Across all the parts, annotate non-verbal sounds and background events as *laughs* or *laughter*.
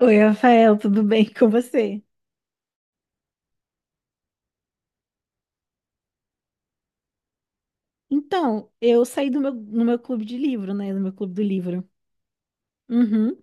Oi, Rafael, tudo bem *laughs* com você? Então, eu no meu clube de livro, né? No meu clube do livro. Uhum.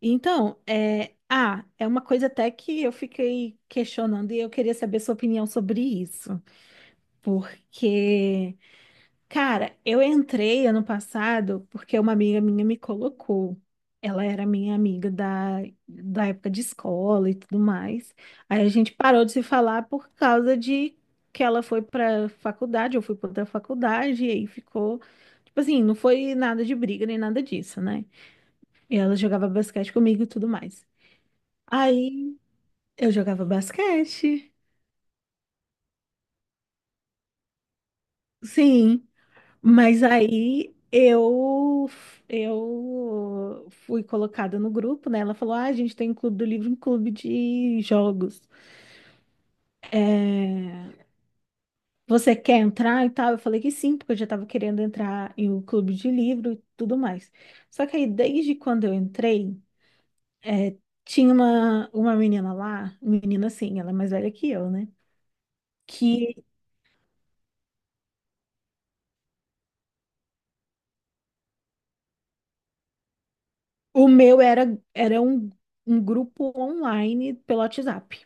Então, ah, é uma coisa até que eu fiquei questionando e eu queria saber sua opinião sobre isso. Porque Cara, eu entrei ano passado porque uma amiga minha me colocou. Ela era minha amiga da época de escola e tudo mais. Aí a gente parou de se falar por causa de que ela foi pra faculdade, eu fui pra outra faculdade, e aí ficou. Tipo assim, não foi nada de briga nem nada disso, né? E ela jogava basquete comigo e tudo mais. Aí eu jogava basquete. Sim. Mas aí eu fui colocada no grupo, né? Ela falou: "Ah, a gente tem um clube do livro, um clube de jogos. Você quer entrar e tal?" Eu falei que sim, porque eu já estava querendo entrar em um clube de livro e tudo mais. Só que aí desde quando eu entrei, é, tinha uma menina lá, menina assim, ela é mais velha que eu, né? Que o meu era um grupo online pelo WhatsApp.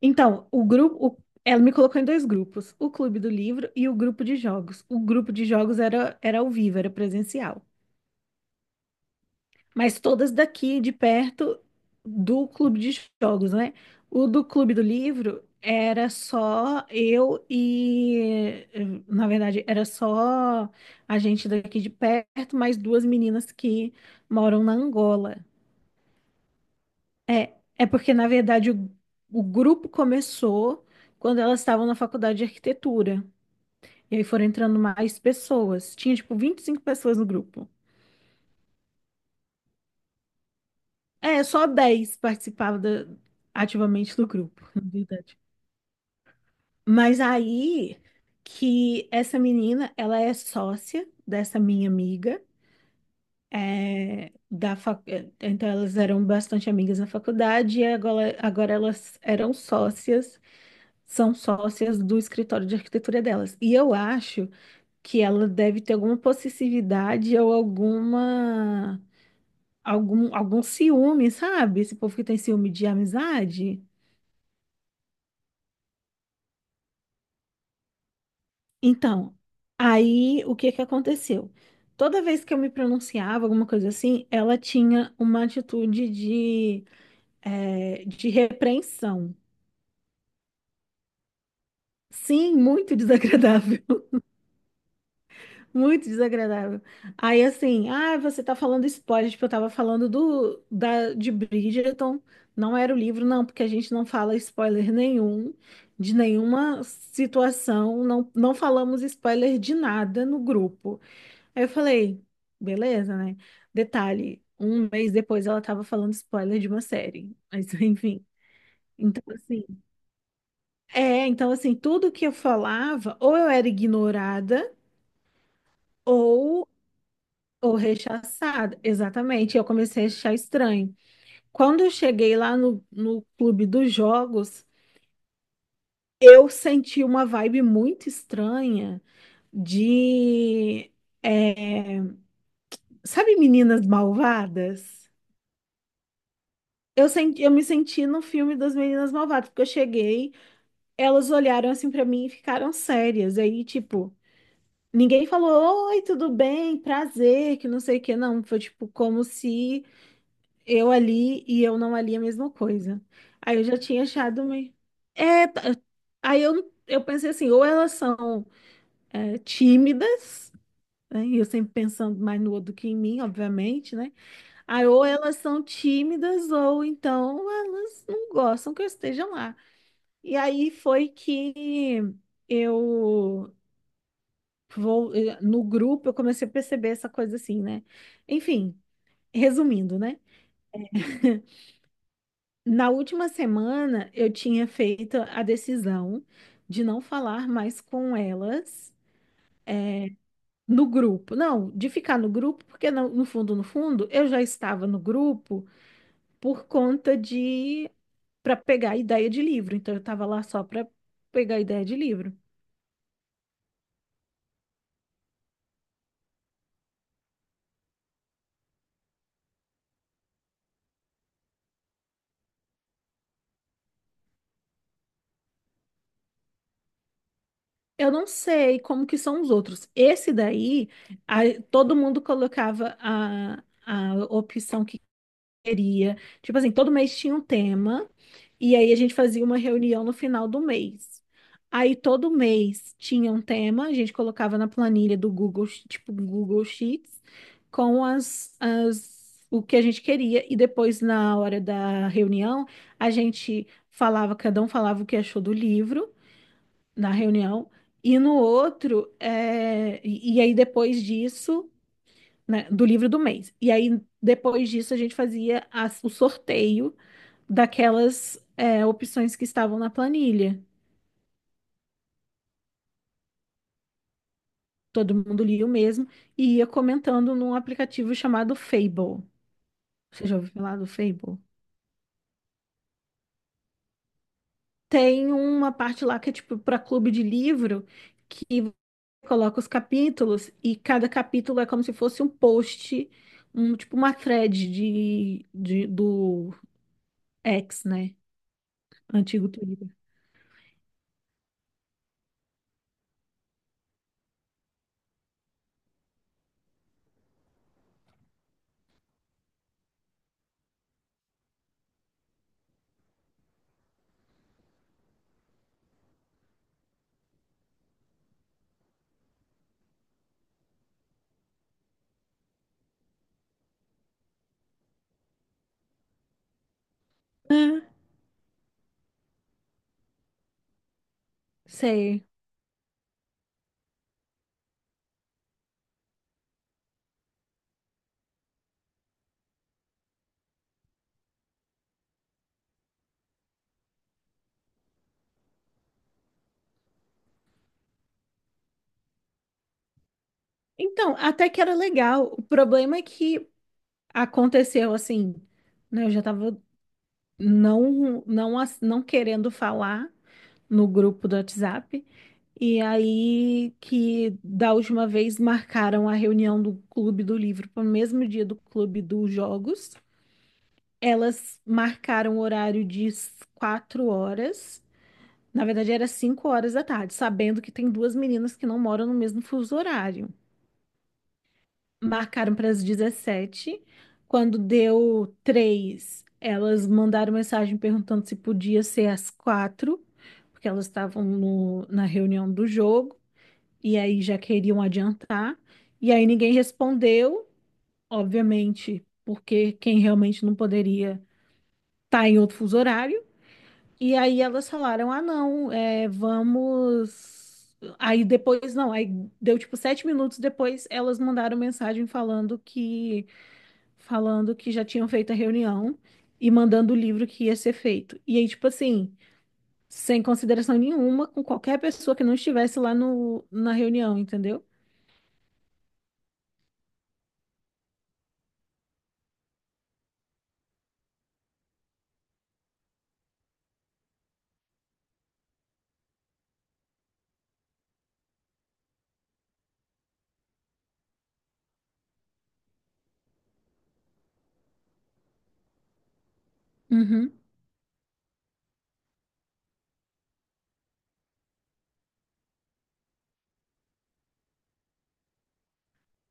Então, ela me colocou em dois grupos, o clube do livro e o grupo de jogos. O grupo de jogos era ao vivo, era presencial. Mas todas daqui de perto do clube de jogos, né? O do clube do livro era só eu e, na verdade, era só a gente daqui de perto, mais duas meninas que moram na Angola. É porque, na verdade, o grupo começou quando elas estavam na faculdade de arquitetura. E aí foram entrando mais pessoas. Tinha, tipo, 25 pessoas no grupo. É, só 10 participavam ativamente do grupo, *laughs* na verdade. Mas aí que essa menina, ela é sócia dessa minha amiga. Então elas eram bastante amigas na faculdade e agora, agora elas eram sócias, são sócias do escritório de arquitetura delas. E eu acho que ela deve ter alguma possessividade ou algum ciúme, sabe? Esse povo que tem ciúme de amizade. Então, aí o que que aconteceu? Toda vez que eu me pronunciava, alguma coisa assim, ela tinha uma atitude de repreensão. Sim, muito *laughs* desagradável. Muito desagradável. Aí assim, ah, você tá falando spoiler, tipo, eu tava falando do da de Bridgerton, não era o livro, não, porque a gente não fala spoiler nenhum de nenhuma situação, não falamos spoiler de nada no grupo. Aí eu falei, beleza, né? Detalhe, um mês depois ela tava falando spoiler de uma série. Mas *laughs* enfim, então assim, então assim, tudo que eu falava, ou eu era ignorada, ou Ou rechaçada, exatamente. Eu comecei a achar estranho. Quando eu cheguei lá no clube dos jogos, eu senti uma vibe muito estranha de, é, sabe, meninas malvadas? Eu me senti no filme das meninas malvadas, porque eu cheguei, elas olharam assim pra mim e ficaram sérias. Aí, tipo, ninguém falou, oi, tudo bem, prazer, que não sei o que, não. Foi tipo como se eu ali e eu não ali a mesma coisa. Aí eu já tinha achado meio. É, tá- Aí eu pensei assim, ou elas são tímidas, né? E eu sempre pensando mais no outro do que em mim, obviamente, né? Aí ou elas são tímidas, ou então elas não gostam que eu esteja lá. E aí foi que eu no grupo eu comecei a perceber essa coisa assim, né? Enfim, resumindo, né? *laughs* Na última semana, eu tinha feito a decisão de não falar mais com elas no grupo. Não, de ficar no grupo, porque no fundo, no fundo, eu já estava no grupo por conta de para pegar ideia de livro. Então, eu estava lá só para pegar ideia de livro. Eu não sei como que são os outros. Esse daí, todo mundo colocava a opção que queria. Tipo assim, todo mês tinha um tema. E aí a gente fazia uma reunião no final do mês. Aí todo mês tinha um tema, a gente colocava na planilha do Google, tipo Google Sheets, com as, as o que a gente queria e depois na hora da reunião a gente falava, cada um falava o que achou do livro na reunião e no outro é, e aí depois disso, né, do livro do mês. E aí depois disso a gente fazia o sorteio daquelas opções que estavam na planilha. Todo mundo lia o mesmo e ia comentando num aplicativo chamado Fable. Você já ouviu falar do Fable? Tem uma parte lá que é tipo para clube de livro que você coloca os capítulos e cada capítulo é como se fosse um post, um tipo uma thread do X, né? Antigo Twitter. Ah, sei. Então, até que era legal. O problema é que aconteceu assim, né? Eu já tava não querendo falar no grupo do WhatsApp. E aí que da última vez marcaram a reunião do Clube do Livro para o mesmo dia do Clube dos Jogos. Elas marcaram o horário de 4 horas. Na verdade, era 5 horas da tarde, sabendo que tem duas meninas que não moram no mesmo fuso horário. Marcaram para as 17. Quando deu 3, elas mandaram mensagem perguntando se podia ser às 4, porque elas estavam na reunião do jogo e aí já queriam adiantar. E aí ninguém respondeu, obviamente, porque quem realmente não poderia estar em outro fuso horário. E aí elas falaram: ah, não, é, vamos. Aí depois, não, aí deu tipo 7 minutos depois, elas mandaram mensagem falando que já tinham feito a reunião e mandando o livro que ia ser feito. E aí, tipo assim, sem consideração nenhuma com qualquer pessoa que não estivesse lá no, na reunião, entendeu? Uhum.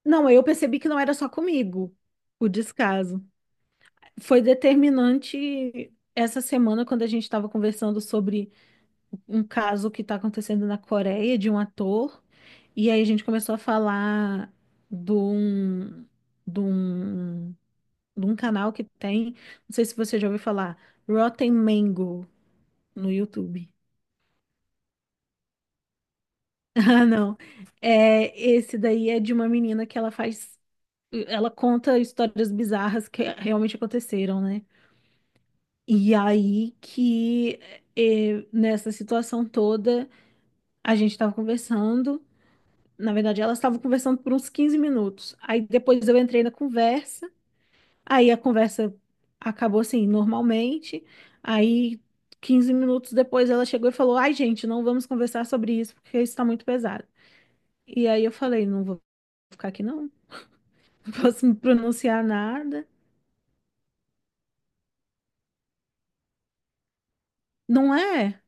Não, aí eu percebi que não era só comigo o descaso. Foi determinante essa semana quando a gente estava conversando sobre um caso que está acontecendo na Coreia de um ator. E aí a gente começou a falar de um, de um de um canal que tem, não sei se você já ouviu falar, Rotten Mango no YouTube. *laughs* Ah, não. É, esse daí é de uma menina que ela conta histórias bizarras que realmente aconteceram, né? E aí que nessa situação toda a gente estava conversando. Na verdade, elas estavam conversando por uns 15 minutos. Aí depois eu entrei na conversa. Aí a conversa acabou assim, normalmente. Aí, 15 minutos depois, ela chegou e falou: "Ai, gente, não vamos conversar sobre isso porque isso está muito pesado." E aí eu falei: "Não vou ficar aqui, não." *laughs* Não posso me pronunciar nada. Não é?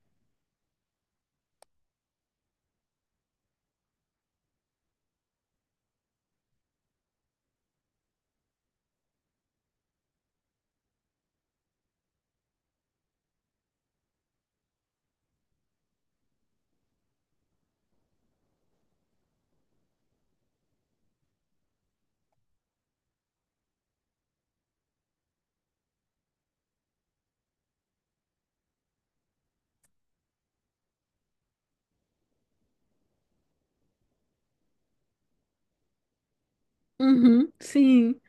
Uhum, sim.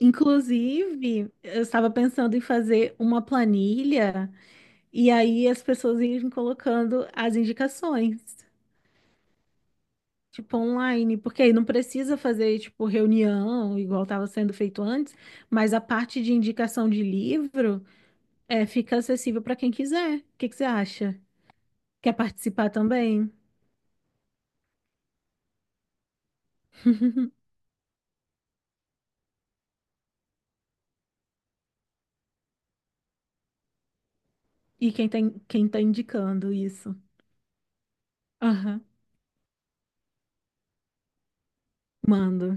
Inclusive, eu estava pensando em fazer uma planilha e aí as pessoas irem colocando as indicações. Tipo, online, porque aí não precisa fazer, tipo, reunião, igual estava sendo feito antes, mas a parte de indicação de livro fica acessível para quem quiser. O que que você acha? Quer participar também? Quem tá indicando isso? Aham, mando.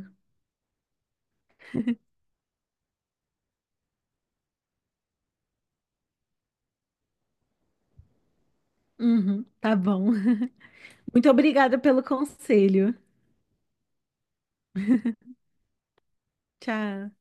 Uhum, tá bom. *laughs* Muito obrigada pelo conselho. Tchau.